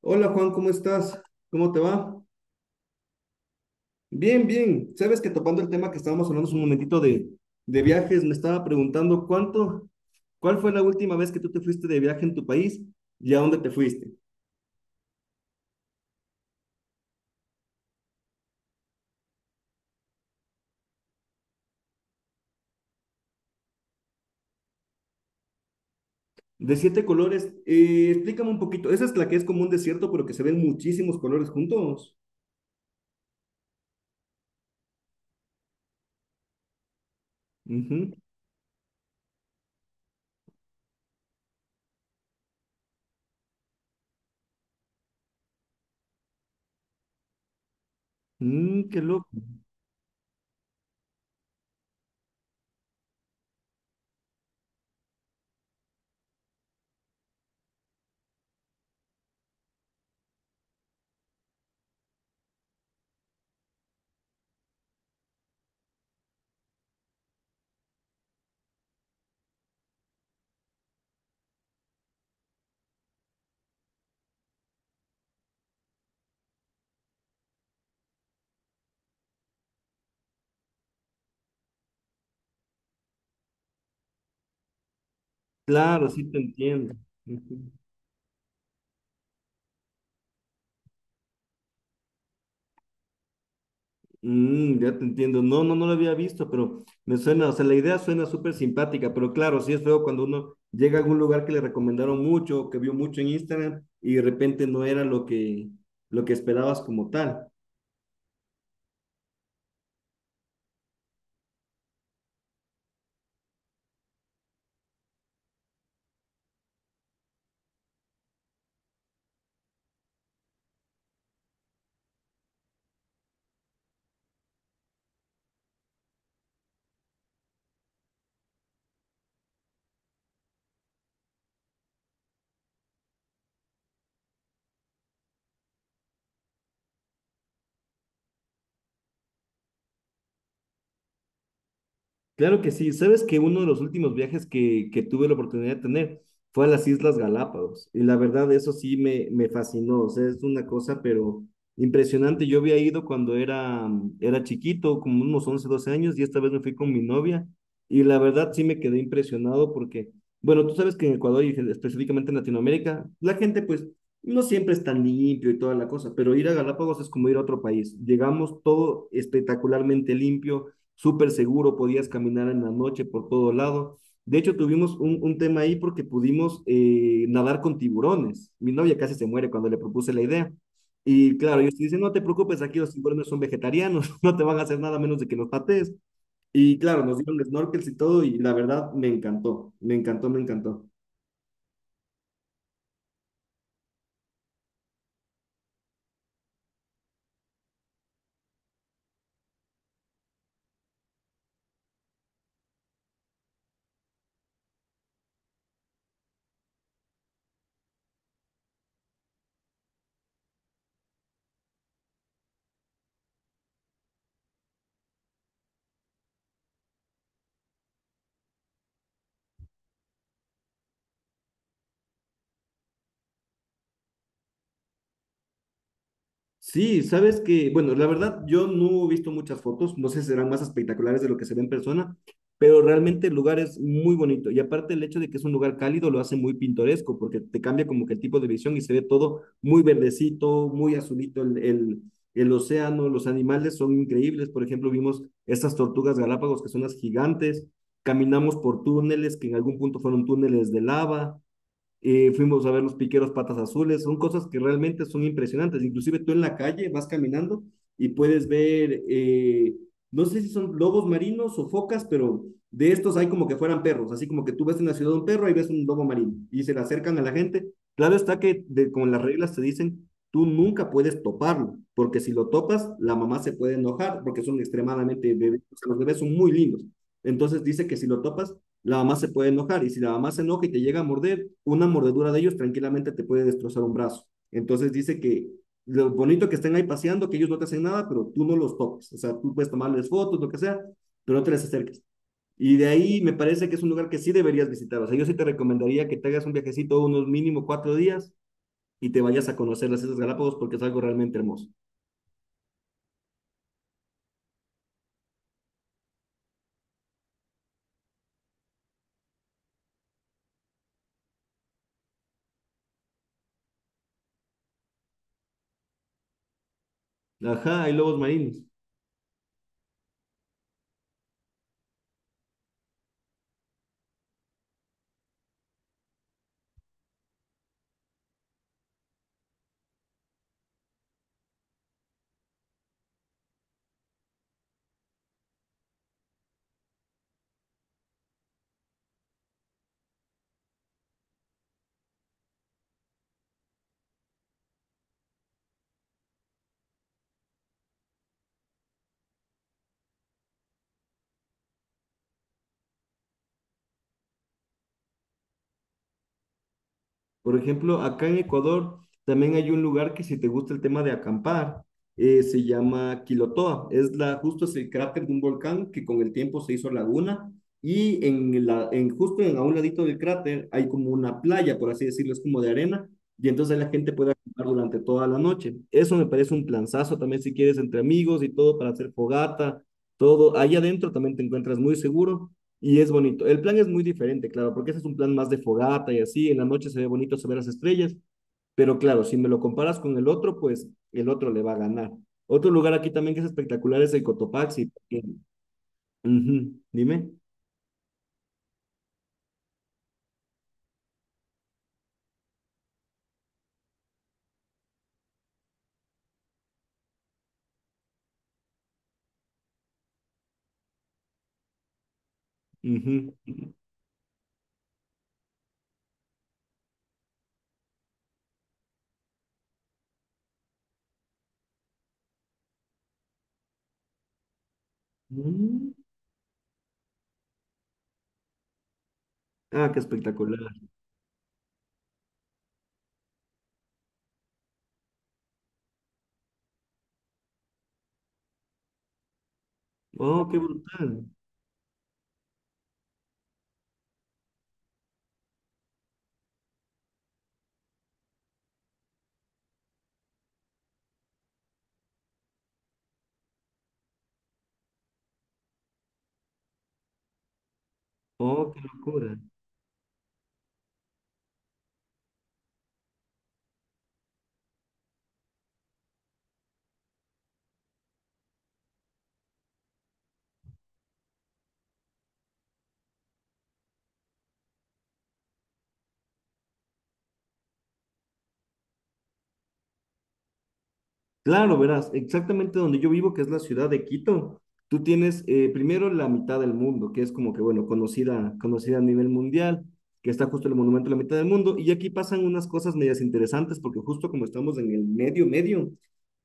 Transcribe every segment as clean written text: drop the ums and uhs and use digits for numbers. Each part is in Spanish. Hola Juan, ¿cómo estás? ¿Cómo te va? Bien, bien. Sabes que topando el tema que estábamos hablando hace un momentito de viajes, me estaba preguntando cuál fue la última vez que tú te fuiste de viaje en tu país y a dónde te fuiste. De siete colores, explícame un poquito. Esa es la que es como un desierto, pero que se ven muchísimos colores juntos. Ujú. Mm, qué loco. Claro, sí te entiendo. Ujú. Mm, ya te entiendo. No, no, no lo había visto, pero me suena, o sea, la idea suena súper simpática, pero claro, sí es feo cuando uno llega a algún lugar que le recomendaron mucho, que vio mucho en Instagram y de repente no era lo que esperabas como tal. Claro que sí. Sabes que uno de los últimos viajes que tuve la oportunidad de tener fue a las Islas Galápagos. Y la verdad, eso sí me fascinó. O sea, es una cosa, pero impresionante. Yo había ido cuando era chiquito, como unos 11 o 12 años, y esta vez me fui con mi novia. Y la verdad, sí me quedé impresionado porque, bueno, tú sabes que en Ecuador y específicamente en Latinoamérica, la gente pues no siempre es tan limpio y toda la cosa, pero ir a Galápagos es como ir a otro país. Llegamos todo espectacularmente limpio, súper seguro, podías caminar en la noche por todo lado. De hecho, tuvimos un tema ahí porque pudimos nadar con tiburones. Mi novia casi se muere cuando le propuse la idea. Y claro, ellos te dicen, no te preocupes, aquí los tiburones son vegetarianos, no te van a hacer nada menos de que los patees. Y claro, nos dieron snorkels y todo, y la verdad me encantó, me encantó, me encantó. Sí, sabes que, bueno, la verdad yo no he visto muchas fotos, no sé si serán más espectaculares de lo que se ve en persona, pero realmente el lugar es muy bonito y aparte el hecho de que es un lugar cálido lo hace muy pintoresco porque te cambia como que el tipo de visión y se ve todo muy verdecito, muy azulito el océano, los animales son increíbles, por ejemplo vimos estas tortugas galápagos que son las gigantes, caminamos por túneles que en algún punto fueron túneles de lava, fuimos a ver los piqueros patas azules, son cosas que realmente son impresionantes, inclusive tú en la calle vas caminando y puedes ver, no sé si son lobos marinos o focas, pero de estos hay como que fueran perros, así como que tú ves en la ciudad un perro y ves un lobo marino y se le acercan a la gente. Claro está con las reglas te dicen, tú nunca puedes toparlo, porque si lo topas, la mamá se puede enojar porque son extremadamente bebés, o sea, los bebés son muy lindos. Entonces dice que si lo topas, la mamá se puede enojar y si la mamá se enoja y te llega a morder, una mordedura de ellos tranquilamente te puede destrozar un brazo. Entonces dice que lo bonito que estén ahí paseando, que ellos no te hacen nada, pero tú no los toques. O sea, tú puedes tomarles fotos, lo que sea, pero no te les acerques. Y de ahí me parece que es un lugar que sí deberías visitar. O sea, yo sí te recomendaría que te hagas un viajecito unos mínimo 4 días y te vayas a conocer las Islas Galápagos porque es algo realmente hermoso. Ajá, hay lobos marinos. Por ejemplo, acá en Ecuador también hay un lugar que si te gusta el tema de acampar, se llama Quilotoa. Justo es el cráter de un volcán que con el tiempo se hizo laguna y justo en, a un ladito del cráter hay como una playa, por así decirlo, es como de arena y entonces la gente puede acampar durante toda la noche. Eso me parece un planazo también si quieres entre amigos y todo para hacer fogata, todo. Ahí adentro también te encuentras muy seguro y es bonito. El plan es muy diferente, claro, porque ese es un plan más de fogata y así, en la noche se ve bonito, se ven las estrellas, pero claro, si me lo comparas con el otro, pues el otro le va a ganar. Otro lugar aquí también que es espectacular es el Cotopaxi. Ujú, dime. Ujú. Mm. Ah, qué espectacular. Oh, qué brutal. Oh, qué locura. Claro, verás, exactamente donde yo vivo, que es la ciudad de Quito, tú tienes, primero, la mitad del mundo, que es como que, bueno, conocida, conocida a nivel mundial, que está justo el monumento a la mitad del mundo, y aquí pasan unas cosas medias interesantes, porque justo como estamos en el medio, medio,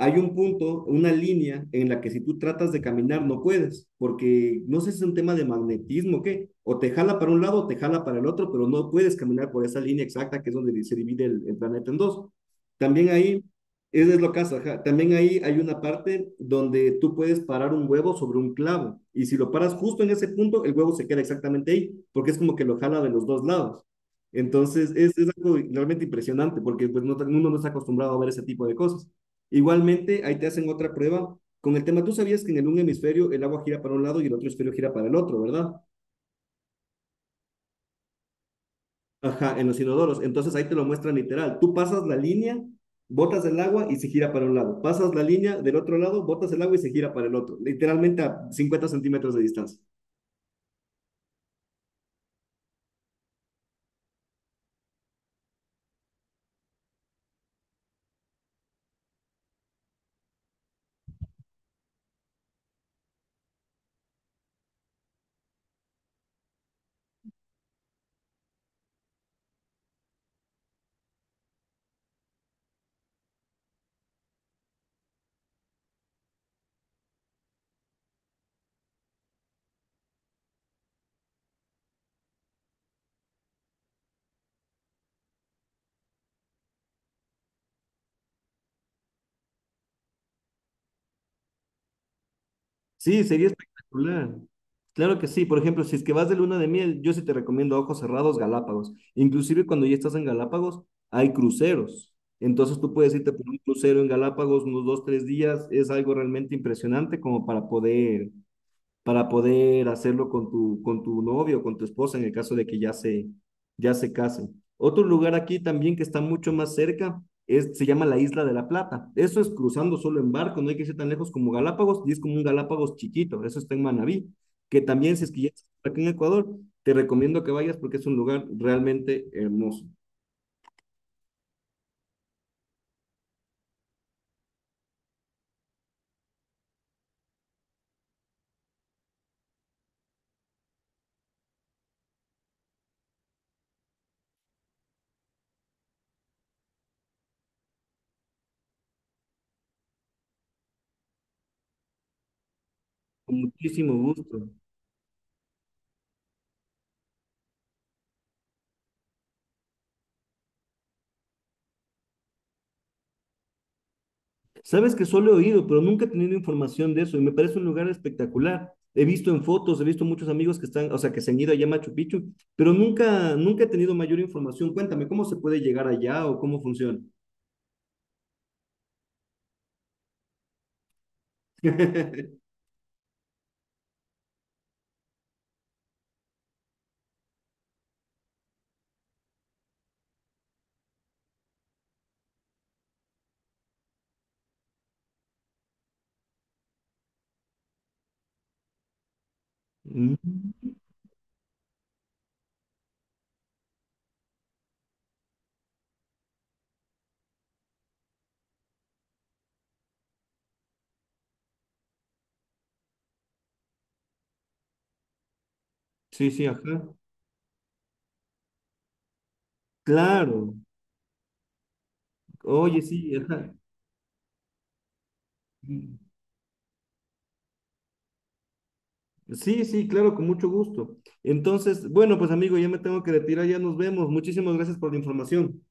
hay un punto, una línea en la que si tú tratas de caminar no puedes, porque no sé si es un tema de magnetismo o qué, o te jala para un lado o te jala para el otro, pero no puedes caminar por esa línea exacta que es donde se divide el planeta en dos. También ahí eso es lo caso, ajá. También ahí hay una parte donde tú puedes parar un huevo sobre un clavo y si lo paras justo en ese punto, el huevo se queda exactamente ahí porque es como que lo jala de los dos lados. Entonces es algo realmente impresionante porque pues, uno no está acostumbrado a ver ese tipo de cosas. Igualmente, ahí te hacen otra prueba con el tema, tú sabías que en el un hemisferio el agua gira para un lado y el otro hemisferio gira para el otro, ¿verdad? Ajá, en los inodoros. Entonces ahí te lo muestran literal. Tú pasas la línea, botas el agua y se gira para un lado. Pasas la línea del otro lado, botas el agua y se gira para el otro. Literalmente a 50 centímetros de distancia. Sí, sería espectacular. Claro que sí. Por ejemplo, si es que vas de luna de miel, yo sí te recomiendo a ojos cerrados, Galápagos. Inclusive cuando ya estás en Galápagos, hay cruceros. Entonces tú puedes irte por un crucero en Galápagos unos 2, 3 días. Es algo realmente impresionante como para poder, para poder hacerlo con tu novio, con tu esposa, en el caso de que ya ya se casen. Otro lugar aquí también que está mucho más cerca es, se llama la Isla de la Plata. Eso es cruzando solo en barco, no hay que irse tan lejos como Galápagos, y es como un Galápagos chiquito, eso está en Manabí, que también si es que ya estás aquí en Ecuador, te recomiendo que vayas porque es un lugar realmente hermoso. Con muchísimo gusto. Sabes que solo he oído, pero nunca he tenido información de eso y me parece un lugar espectacular. He visto en fotos, he visto muchos amigos que están, o sea, que se han ido allá a Machu Picchu, pero nunca, nunca he tenido mayor información. Cuéntame, ¿cómo se puede llegar allá o cómo funciona? Mm. Sí, sí, ajá. Claro. Oye, sí, ajá. Mm. Sí, sí, claro, con mucho gusto. Entonces, bueno, pues amigo, ya me tengo que retirar, ya nos vemos. Muchísimas gracias por la información.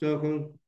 Chao, Juan.